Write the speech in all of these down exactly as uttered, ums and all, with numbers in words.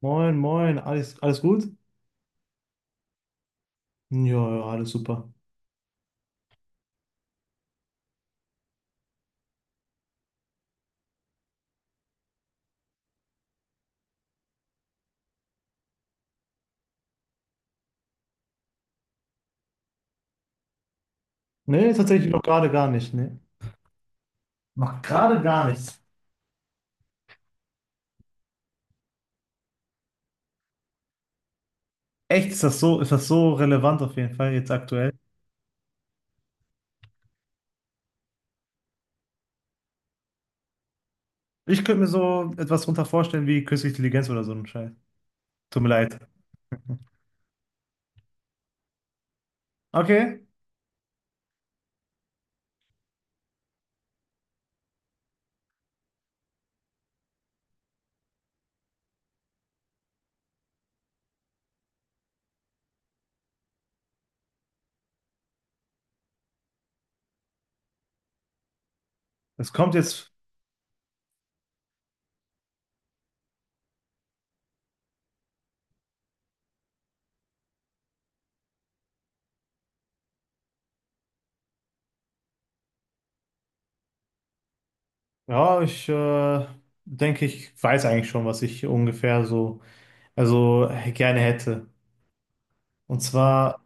Moin, moin, alles, alles gut? Ja, ja, alles super. Nee, tatsächlich noch gerade gar nicht, ne. Noch gerade gar nichts. Echt, ist das so, ist das so relevant auf jeden Fall jetzt aktuell? Ich könnte mir so etwas runter vorstellen wie künstliche Intelligenz oder so ein Scheiß. Tut mir leid. Okay, es kommt jetzt. Ja, ich äh, denke, ich weiß eigentlich schon, was ich ungefähr so, also gerne hätte. Und zwar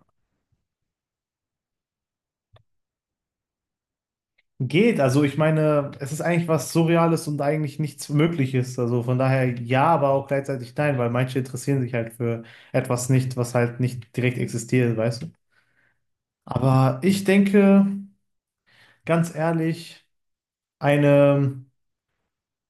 geht, also ich meine, es ist eigentlich was Surreales und eigentlich nichts Mögliches. Also von daher ja, aber auch gleichzeitig nein, weil manche interessieren sich halt für etwas nicht, was halt nicht direkt existiert, weißt du? Aber ich denke, ganz ehrlich, eine,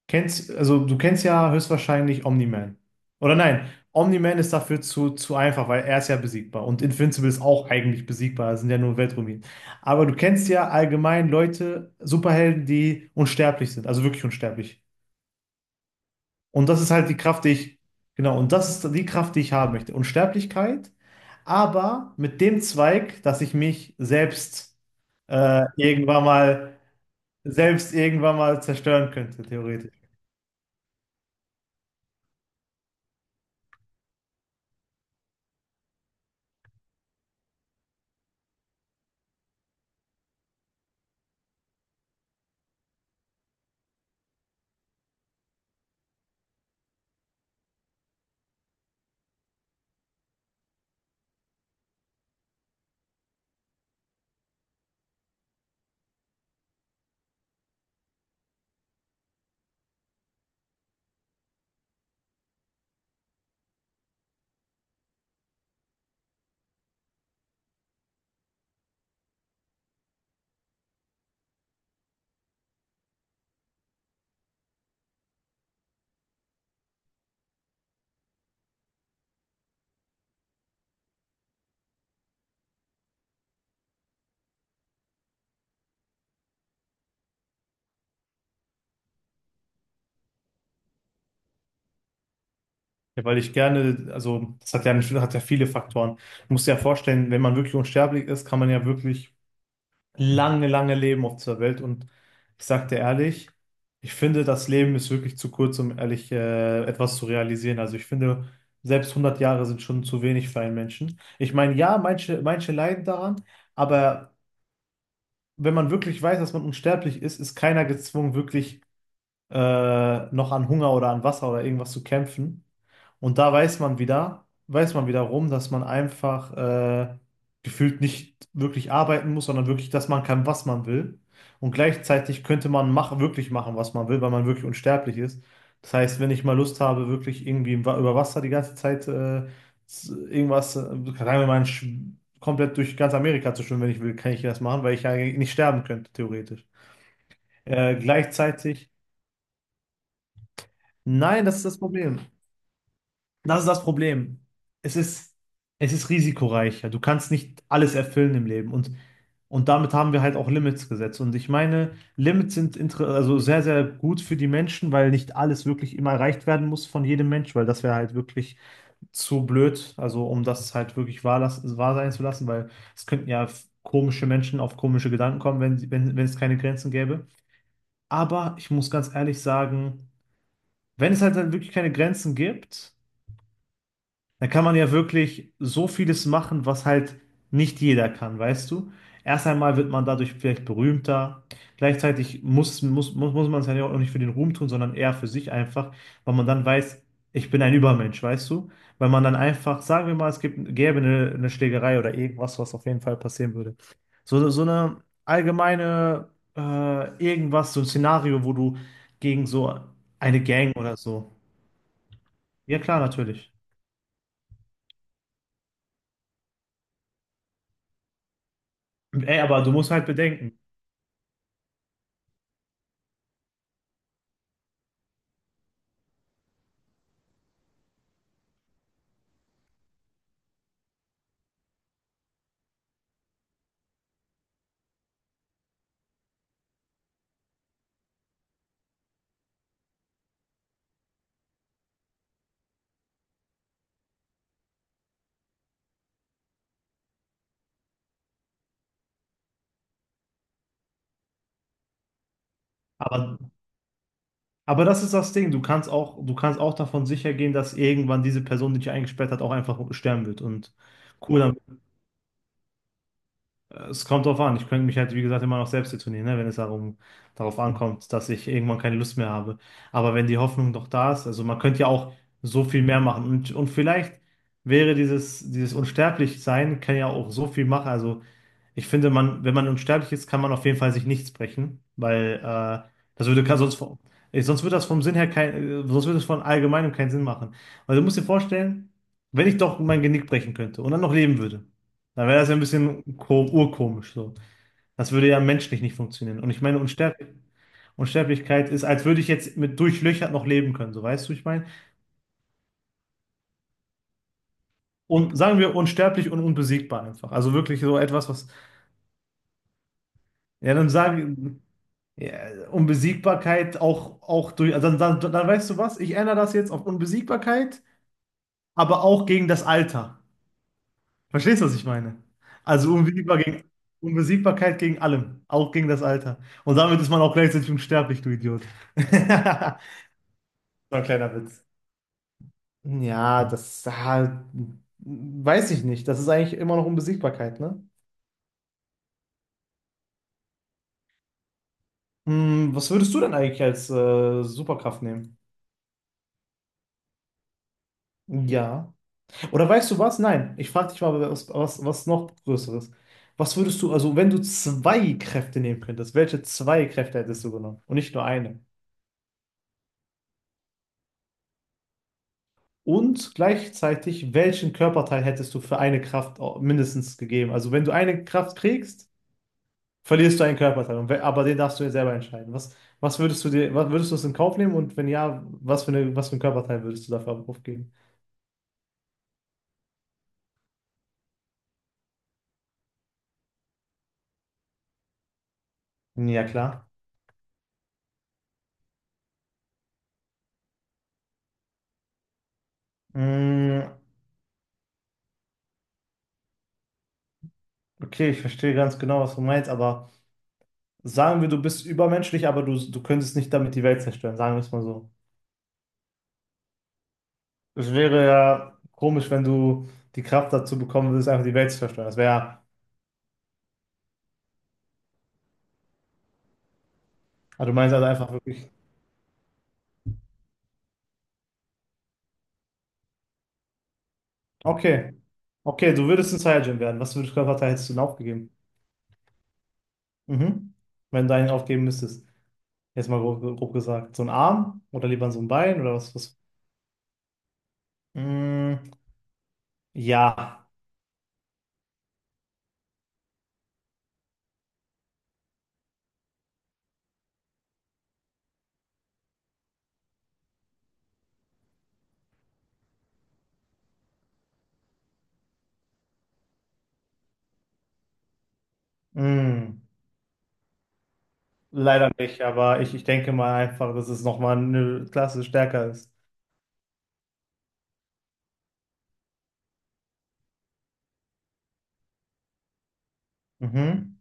kennst, also du kennst ja höchstwahrscheinlich Omni-Man. Oder nein, Omni-Man ist dafür zu, zu einfach, weil er ist ja besiegbar und Invincible ist auch eigentlich besiegbar, das sind ja nur Weltruinen. Aber du kennst ja allgemein Leute, Superhelden, die unsterblich sind, also wirklich unsterblich. Und das ist halt die Kraft, die ich, genau, und das ist die Kraft, die ich haben möchte. Unsterblichkeit, aber mit dem Zweig, dass ich mich selbst äh, irgendwann mal, selbst irgendwann mal zerstören könnte, theoretisch. Ja, weil ich gerne, also das hat ja, hat ja viele Faktoren. Du musst dir ja vorstellen, wenn man wirklich unsterblich ist, kann man ja wirklich lange, lange leben auf dieser Welt. Und ich sag dir ehrlich, ich finde, das Leben ist wirklich zu kurz, um ehrlich äh, etwas zu realisieren. Also ich finde, selbst hundert Jahre sind schon zu wenig für einen Menschen. Ich meine, ja, manche, manche leiden daran, aber wenn man wirklich weiß, dass man unsterblich ist, ist keiner gezwungen, wirklich äh, noch an Hunger oder an Wasser oder irgendwas zu kämpfen. Und da weiß man wieder, weiß man wiederum, dass man einfach äh, gefühlt nicht wirklich arbeiten muss, sondern wirklich, dass man kann, was man will. Und gleichzeitig könnte man mach, wirklich machen, was man will, weil man wirklich unsterblich ist. Das heißt, wenn ich mal Lust habe, wirklich irgendwie im Wa- über Wasser die ganze Zeit äh, s- irgendwas, äh, sagen wir mal, sch- komplett durch ganz Amerika zu schwimmen, wenn ich will, kann ich das machen, weil ich ja nicht sterben könnte, theoretisch. Äh, gleichzeitig, nein, das ist das Problem. Das ist das Problem. Es ist, es ist risikoreicher. Du kannst nicht alles erfüllen im Leben. Und, und damit haben wir halt auch Limits gesetzt. Und ich meine, Limits sind inter- also sehr, sehr gut für die Menschen, weil nicht alles wirklich immer erreicht werden muss von jedem Mensch, weil das wäre halt wirklich zu blöd, also um das halt wirklich wahr, las- wahr sein zu lassen, weil es könnten ja f- komische Menschen auf komische Gedanken kommen, wenn, sie- wenn, wenn es keine Grenzen gäbe. Aber ich muss ganz ehrlich sagen, wenn es halt dann wirklich keine Grenzen gibt, da kann man ja wirklich so vieles machen, was halt nicht jeder kann, weißt du? Erst einmal wird man dadurch vielleicht berühmter. Gleichzeitig muss, muss, muss, muss man es ja auch nicht für den Ruhm tun, sondern eher für sich einfach, weil man dann weiß, ich bin ein Übermensch, weißt du? Weil man dann einfach, sagen wir mal, es gibt, gäbe eine, eine Schlägerei oder irgendwas, was auf jeden Fall passieren würde. So, so eine allgemeine, äh, irgendwas, so ein Szenario, wo du gegen so eine Gang oder so. Ja, klar, natürlich. Ey, aber du musst halt bedenken. Aber, aber das ist das Ding. Du kannst auch, du kannst auch davon sicher gehen, dass irgendwann diese Person, die dich eingesperrt hat, auch einfach sterben wird. Und cool, dann, es kommt drauf an. Ich könnte mich halt, wie gesagt, immer noch selbst detonieren, ne, wenn es darum, darauf ankommt, dass ich irgendwann keine Lust mehr habe. Aber wenn die Hoffnung doch da ist, also man könnte ja auch so viel mehr machen. Und, und vielleicht wäre dieses, dieses Unsterblichsein, kann ja auch so viel machen. Also, ich finde, man, wenn man unsterblich ist, kann man auf jeden Fall sich nichts brechen, weil äh, das würde ka- sonst, vom- äh, sonst würde das vom Sinn her kein, äh, sonst würde es von allgemeinem keinen Sinn machen. Weil du musst dir vorstellen, wenn ich doch mein Genick brechen könnte und dann noch leben würde, dann wäre das ja ein bisschen ko- urkomisch so. Das würde ja menschlich nicht funktionieren. Und ich meine, Unsterb- Unsterblichkeit ist, als würde ich jetzt mit durchlöchert noch leben können, so weißt du, ich meine. Und sagen wir unsterblich und unbesiegbar einfach. Also wirklich so etwas, was. Ja, dann sagen, ja, Unbesiegbarkeit auch, auch durch, also dann, dann, dann weißt du was, ich ändere das jetzt auf Unbesiegbarkeit, aber auch gegen das Alter. Verstehst du, was ich meine? Also unbesiegbar gegen, Unbesiegbarkeit gegen allem, auch gegen das Alter. Und damit ist man auch gleichzeitig unsterblich, du Idiot. Das War ein kleiner Witz. Ja, das ah, weiß ich nicht. Das ist eigentlich immer noch Unbesiegbarkeit, ne? Hm, was würdest du denn eigentlich als äh, Superkraft nehmen? Ja. Oder weißt du was? Nein, ich frage dich mal was, was, was noch Größeres. Was würdest du, also wenn du zwei Kräfte nehmen könntest, welche zwei Kräfte hättest du genommen und nicht nur eine? Und gleichzeitig, welchen Körperteil hättest du für eine Kraft au- mindestens gegeben? Also wenn du eine Kraft kriegst, verlierst du einen Körperteil. Und we- aber den darfst du ja selber entscheiden. Was, was würdest du dir, was würdest du es in Kauf nehmen und wenn ja, was für eine, was für einen Körperteil würdest du dafür aufgeben? Ja, klar. Mm, okay, ich verstehe ganz genau, was du meinst, aber. Sagen wir, du bist übermenschlich, aber du, du könntest nicht damit die Welt zerstören, sagen wir es mal so. Es wäre ja komisch, wenn du die Kraft dazu bekommen würdest, einfach die Welt zu zerstören. Das wäre ja, also du meinst also einfach wirklich, okay, okay, du würdest ein Saiyajin werden. Was für einen Körperteil hättest du denn aufgegeben? Mhm. Wenn du einen aufgeben müsstest. Jetzt mal grob, grob gesagt. So ein Arm oder lieber so ein Bein oder was? Was? Mm, ja, mm, leider nicht, aber ich, ich denke mal einfach, dass es nochmal eine Klasse stärker ist. Mhm.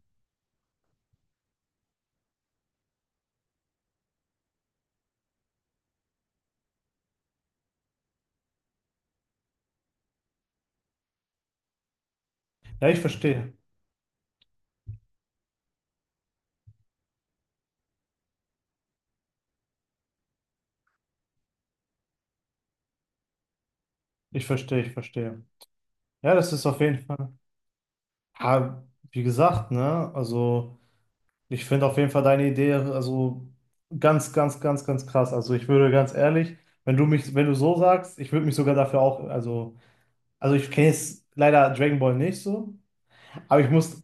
Ja, ich verstehe. Ich verstehe, ich verstehe. Ja, das ist auf jeden Fall. Ja, wie gesagt, ne? Also, ich finde auf jeden Fall deine Idee, also ganz, ganz, ganz, ganz krass. Also, ich würde ganz ehrlich, wenn du mich, wenn du so sagst, ich würde mich sogar dafür auch, also, also ich kenne jetzt leider Dragon Ball nicht so, aber ich muss,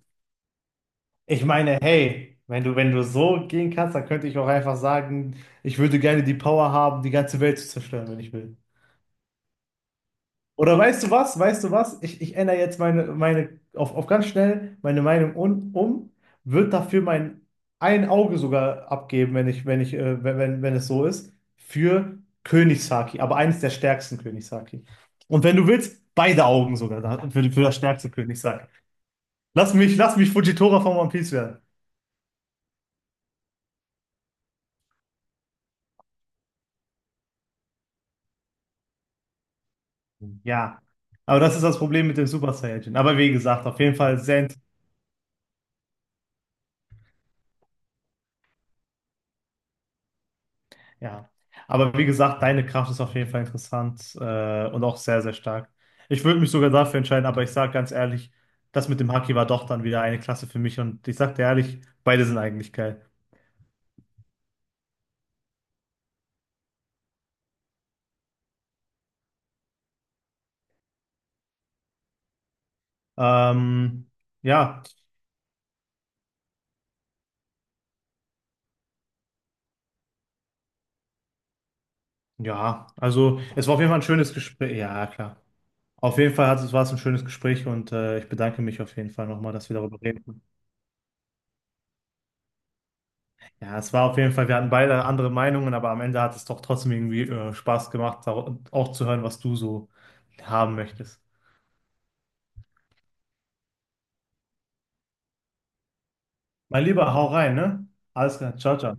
ich meine, hey, wenn du, wenn du so gehen kannst, dann könnte ich auch einfach sagen, ich würde gerne die Power haben, die ganze Welt zu zerstören, wenn ich will. Oder weißt du was? Weißt du was? Ich, ich ändere jetzt meine, meine auf, auf ganz schnell meine Meinung un, um, wird dafür mein ein Auge sogar abgeben, wenn ich, wenn ich, äh, wenn, wenn, wenn es so ist, für Königshaki, aber eines der stärksten Königshaki. Und wenn du willst, beide Augen sogar da- für, für das stärkste Königshaki. Lass mich, lass mich Fujitora von One Piece werden. Ja. Aber das ist das Problem mit dem Super Saiyajin. Aber wie gesagt, auf jeden Fall sehr. Ja, aber wie gesagt, deine Kraft ist auf jeden Fall interessant äh, und auch sehr, sehr stark. Ich würde mich sogar dafür entscheiden, aber ich sage ganz ehrlich, das mit dem Haki war doch dann wieder eine Klasse für mich und ich sage dir ehrlich, beide sind eigentlich geil. Ähm, ja, ja, also es war auf jeden Fall ein schönes Gespräch. Ja, klar. Auf jeden Fall hat, es- war es ein schönes Gespräch und äh, ich bedanke mich auf jeden Fall nochmal, dass wir darüber reden konnten. Ja, es war auf jeden Fall, wir hatten beide andere Meinungen, aber am Ende hat es doch trotzdem irgendwie äh, Spaß gemacht, auch auch zu hören, was du so haben möchtest. Mein Lieber, hau rein, ne? Alles klar, ciao, ciao.